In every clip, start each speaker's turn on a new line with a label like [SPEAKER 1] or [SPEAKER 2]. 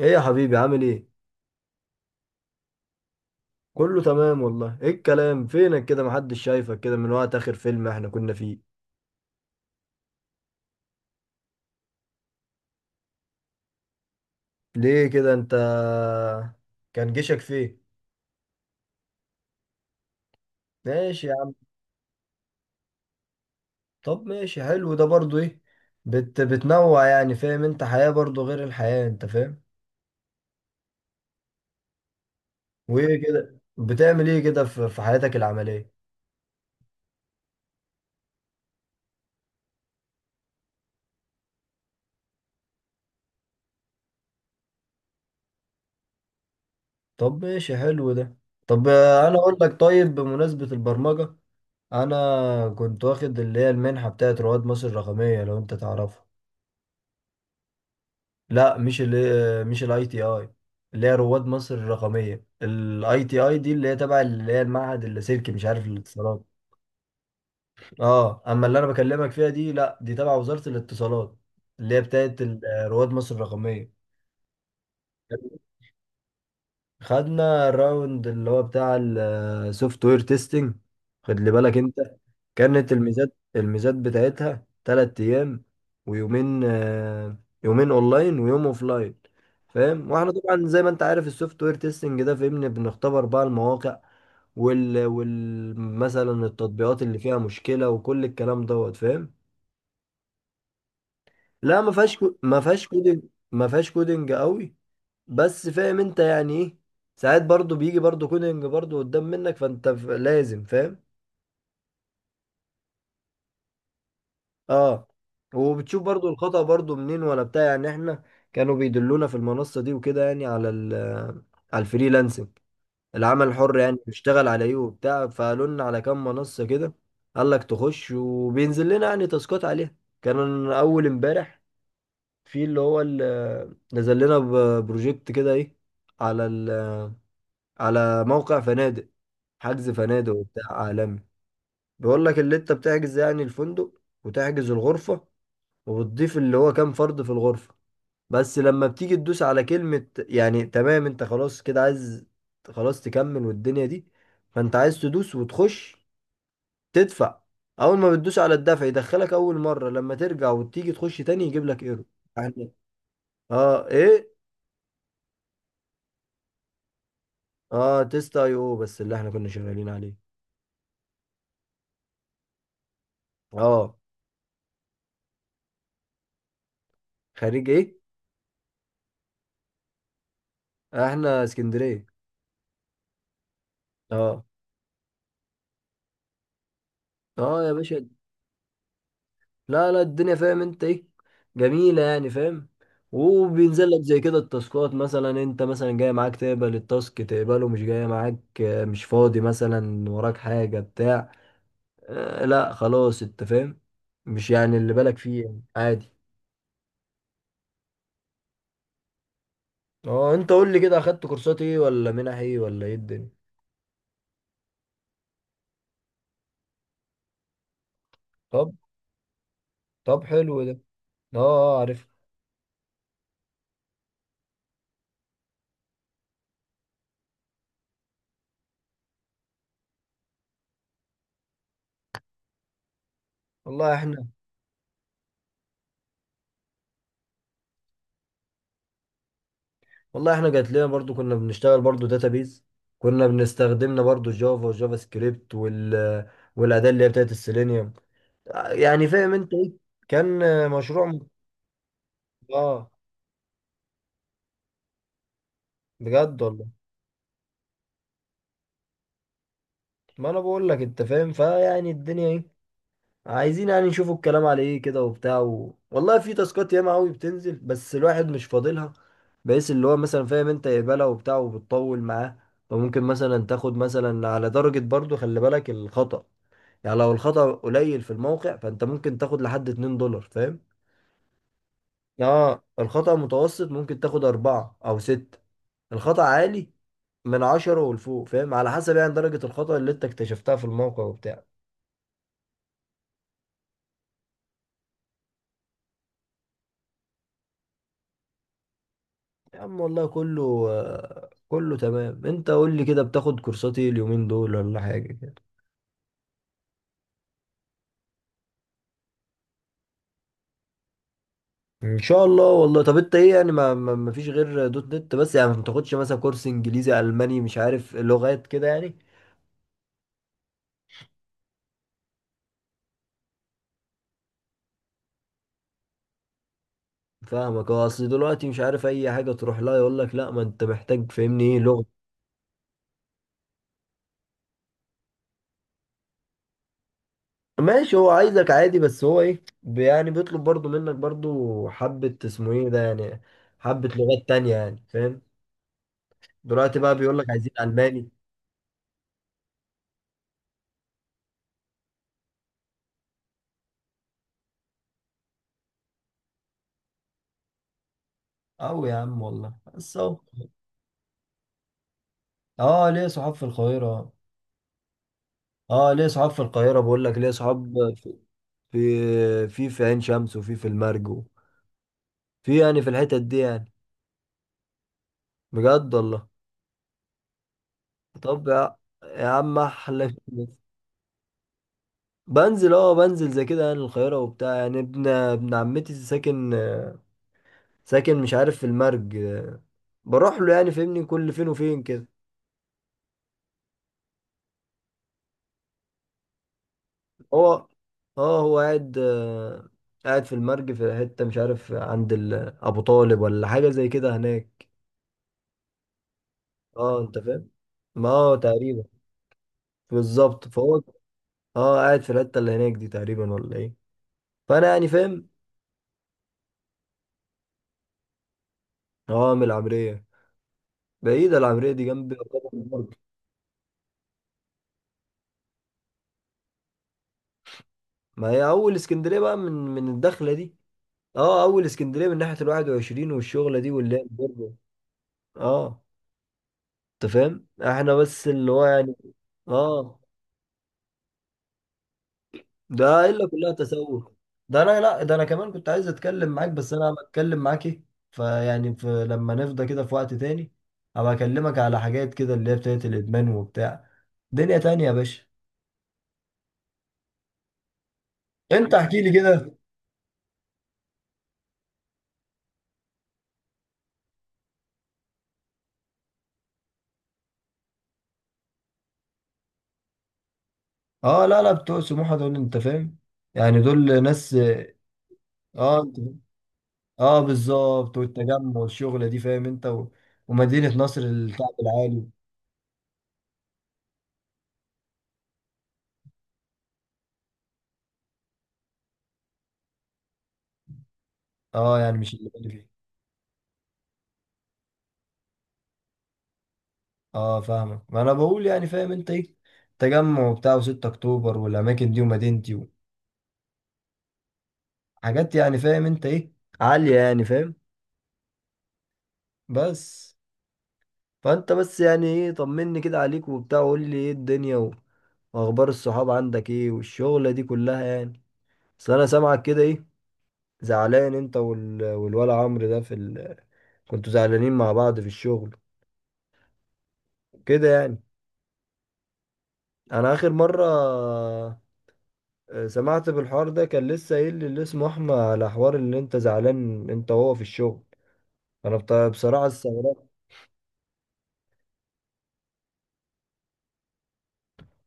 [SPEAKER 1] ايه يا حبيبي، عامل ايه؟ كله تمام والله. ايه الكلام، فينك كده؟ محدش شايفك كده من وقت اخر فيلم احنا كنا فيه. ليه كده انت؟ كان جيشك فين؟ ماشي يا عم. طب ماشي، حلو ده برضو. ايه بتنوع يعني، فاهم انت؟ حياة برضو غير الحياة، انت فاهم. وايه كده، بتعمل ايه كده في حياتك العملية؟ طب ماشي، حلو ده. طب انا اقول لك، طيب بمناسبة البرمجة، انا كنت واخد اللي هي المنحة بتاعت رواد مصر الرقمية، لو انت تعرفها. لا، مش الاي تي اي. اللي هي رواد مصر الرقميه، الاي تي اي دي اللي هي تبع اللي هي المعهد اللاسلكي مش عارف الاتصالات. اه، اما اللي انا بكلمك فيها دي لا، دي تبع وزاره الاتصالات. اللي هي بتاعت رواد مصر الرقميه. خدنا الراوند اللي هو بتاع السوفت وير تيستنج. خد لي بالك انت. كانت الميزات بتاعتها 3 ايام ويومين. يومين اونلاين ويوم اوفلاين. فاهم؟ واحنا طبعا زي ما انت عارف السوفت وير تيستنج ده، فاهمني، بنختبر بقى المواقع وال مثلا التطبيقات اللي فيها مشكلة وكل الكلام دوت، فاهم. لا، ما فيهاش ما فيهاش كودنج. ما فيهاش كودنج قوي. بس فاهم انت يعني ايه. ساعات برضو بيجي برضو كونينج برضو قدام منك، فانت لازم، فاهم. اه. وبتشوف برضو الخطأ برضو منين، ولا بتاع، يعني احنا كانوا بيدلونا في المنصة دي وكده، يعني على ال على الفريلانسنج، العمل الحر يعني، بنشتغل على ايه وبتاع. فقالوا لنا على كام منصة كده. قال لك تخش، وبينزل لنا يعني تاسكات عليها. كان اول امبارح في اللي هو نزل لنا بروجكت كده، ايه، على ال، على موقع فنادق، حجز فنادق وبتاع عالمي. بيقول لك اللي انت بتحجز يعني الفندق، وتحجز الغرفة، وبتضيف اللي هو كام فرد في الغرفة. بس لما بتيجي تدوس على كلمة يعني تمام، انت خلاص كده عايز خلاص تكمل والدنيا دي، فانت عايز تدوس وتخش، تدفع. اول ما بتدوس على الدفع يدخلك اول مرة، لما ترجع وتيجي تخش تاني يجيب لك ايرو. يعني اه ايه. اه، تيست اي او بس اللي احنا كنا شغالين عليه. اه. خريج ايه؟ احنا اسكندرية. اه. اه يا باشا. لا لا، الدنيا فاهم انت ايه، جميلة يعني، فاهم. وبينزل لك زي كده التاسكات، مثلا انت مثلا جاي معاك تقبل التاسك تقبله، مش جاي معاك مش فاضي، مثلا وراك حاجة بتاع. آه لا، خلاص، انت فاهم. مش يعني اللي بالك فيه يعني، عادي. اه، انت قول لي كده، اخدت كورسات ايه ولا منح ايه ولا ايه الدنيا؟ طب طب حلو ده. اه اه، عارف. والله احنا والله احنا جات لنا برضو كنا بنشتغل برضو داتابيز. كنا بنستخدمنا برضو جافا وجافا سكريبت وال، والاداه اللي هي بتاعت السيلينيوم، يعني فاهم انت ايه. كان مشروع اه، بجد والله. ما انا بقول لك، انت فاهم، فيعني الدنيا ايه، عايزين يعني نشوفوا الكلام على ايه كده وبتاع والله في تاسكات ياما قوي بتنزل، بس الواحد مش فاضلها، بحيث اللي هو مثلا فاهم انت يقبلها وبتاع وبتطول معاه. فممكن مثلا تاخد مثلا على درجة، برضو خلي بالك الخطأ، يعني لو الخطأ قليل في الموقع، فانت ممكن تاخد لحد 2 دولار، فاهم. اه، الخطأ متوسط ممكن تاخد 4 أو 6. الخطأ عالي من 10 ولفوق، فاهم، على حسب يعني درجة الخطأ اللي انت اكتشفتها في الموقع وبتاع. يا عم والله كله كله تمام. انت قول لي كده، بتاخد كورسات ايه اليومين دول ولا حاجة كده؟ ان شاء الله والله. طب انت ايه يعني، ما فيش غير دوت نت بس يعني؟ ما بتاخدش مثلا كورس انجليزي، الماني، مش عارف لغات كده يعني؟ فاهمك، هو اصل دلوقتي مش عارف اي حاجه تروح لها يقول لك لا، ما انت محتاج فاهمني ايه لغه. ماشي، هو عايزك عادي، بس هو ايه يعني بيطلب برضو منك برضو حبه اسمه ايه ده يعني، حبه لغات تانية يعني، فاهم. دلوقتي بقى بيقول لك عايزين الماني. او يا عم والله، بس اهو. اه، ليه صحاب في القاهره. اه ليه صحاب في القاهره، بقول لك ليه صحاب في في عين شمس، وفي المرج، في يعني في الحتت دي يعني. بجد والله. طب يا عم احلى. بنزل زي كده يعني القاهرة وبتاع، يعني ابن عمتي ساكن، ساكن مش عارف في المرج، بروح له يعني، فاهمني، كل فين وفين كده. هو اه هو قاعد قاعد في المرج، في حتة مش عارف عند أبو طالب ولا حاجة زي كده هناك. اه، انت فاهم، ما هو تقريبا بالظبط. فهو اه، قاعد في الحتة اللي هناك دي تقريبا، ولا ايه؟ فانا يعني فاهم. اه، من العمرية. بعيدة العمرية دي، جنب يعتبر المرج. ما هي أول اسكندرية بقى، من الدخلة دي. اه، اول اسكندريه من ناحيه ال 21 والشغله دي واللعب برضه. اه، انت فاهم، احنا بس اللي هو يعني، اه. ده الا كلها تسوق. ده انا لا ده انا كمان كنت عايز اتكلم معاك، بس انا بتكلم معاك ايه، فيعني في لما نفضى كده في وقت تاني هبقى اكلمك على حاجات كده اللي هي بتاعت الادمان وبتاع. دنيا تانية يا باشا. انت احكي لي كده. اه لا لا، بتوع سموحه دول انت فاهم، يعني دول ناس. اه انت، اه بالظبط، والتجمع والشغلة دي، فاهم انت ومدينة نصر الكعب العالي. اه يعني مش اللي بالي فيه. اه، فاهمك. ما انا بقول يعني، فاهم انت ايه، تجمع وبتاع و6 اكتوبر والاماكن دي ومدينتي وحاجات يعني فاهم انت ايه، عالية يعني فاهم. بس فانت بس يعني ايه، طمني كده عليك وبتاع، وقول لي ايه الدنيا واخبار الصحاب عندك ايه، والشغلة دي كلها يعني. بس انا سامعك كده ايه، زعلان انت والولا عمرو ده في كنتوا زعلانين مع بعض في الشغل كده يعني. انا اخر مره سمعت بالحوار ده، كان لسه قايل لي اللي اسمه احمد على حوار اللي انت زعلان انت وهو في الشغل. انا بصراحه استغربت.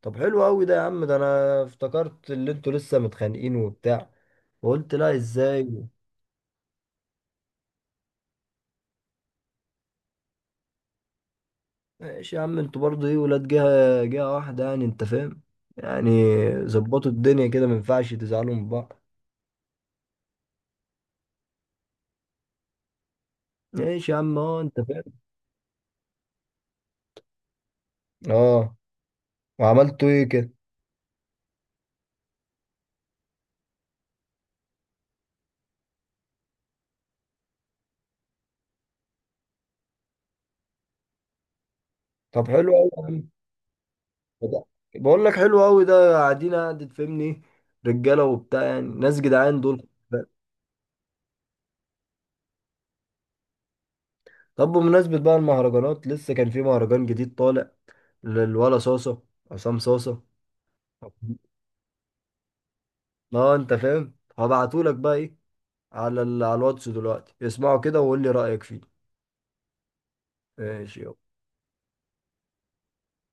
[SPEAKER 1] طب حلو قوي ده يا عم، ده انا افتكرت اللي انتوا لسه متخانقين وبتاع وقلت لا ازاي. ماشي يا عم، انتوا برضه ايه، ولاد جهه واحده يعني انت فاهم يعني، ظبطوا الدنيا كده، ما ينفعش تزعلوا من بعض. ماشي يا عم، اه انت فاهم. اه. وعملتوا ايه كده؟ طب حلو قوي ده- بقول لك حلو قوي ده، قاعدين قاعد تفهمني، رجاله وبتاع يعني، ناس جدعان دول. طب بمناسبه بقى المهرجانات، لسه كان في مهرجان جديد طالع للولا صاصه، عصام صاصه. اه انت فاهم، هبعتهولك بقى ايه على على الواتس دلوقتي، اسمعه كده وقول لي رايك فيه. ماشي يلا.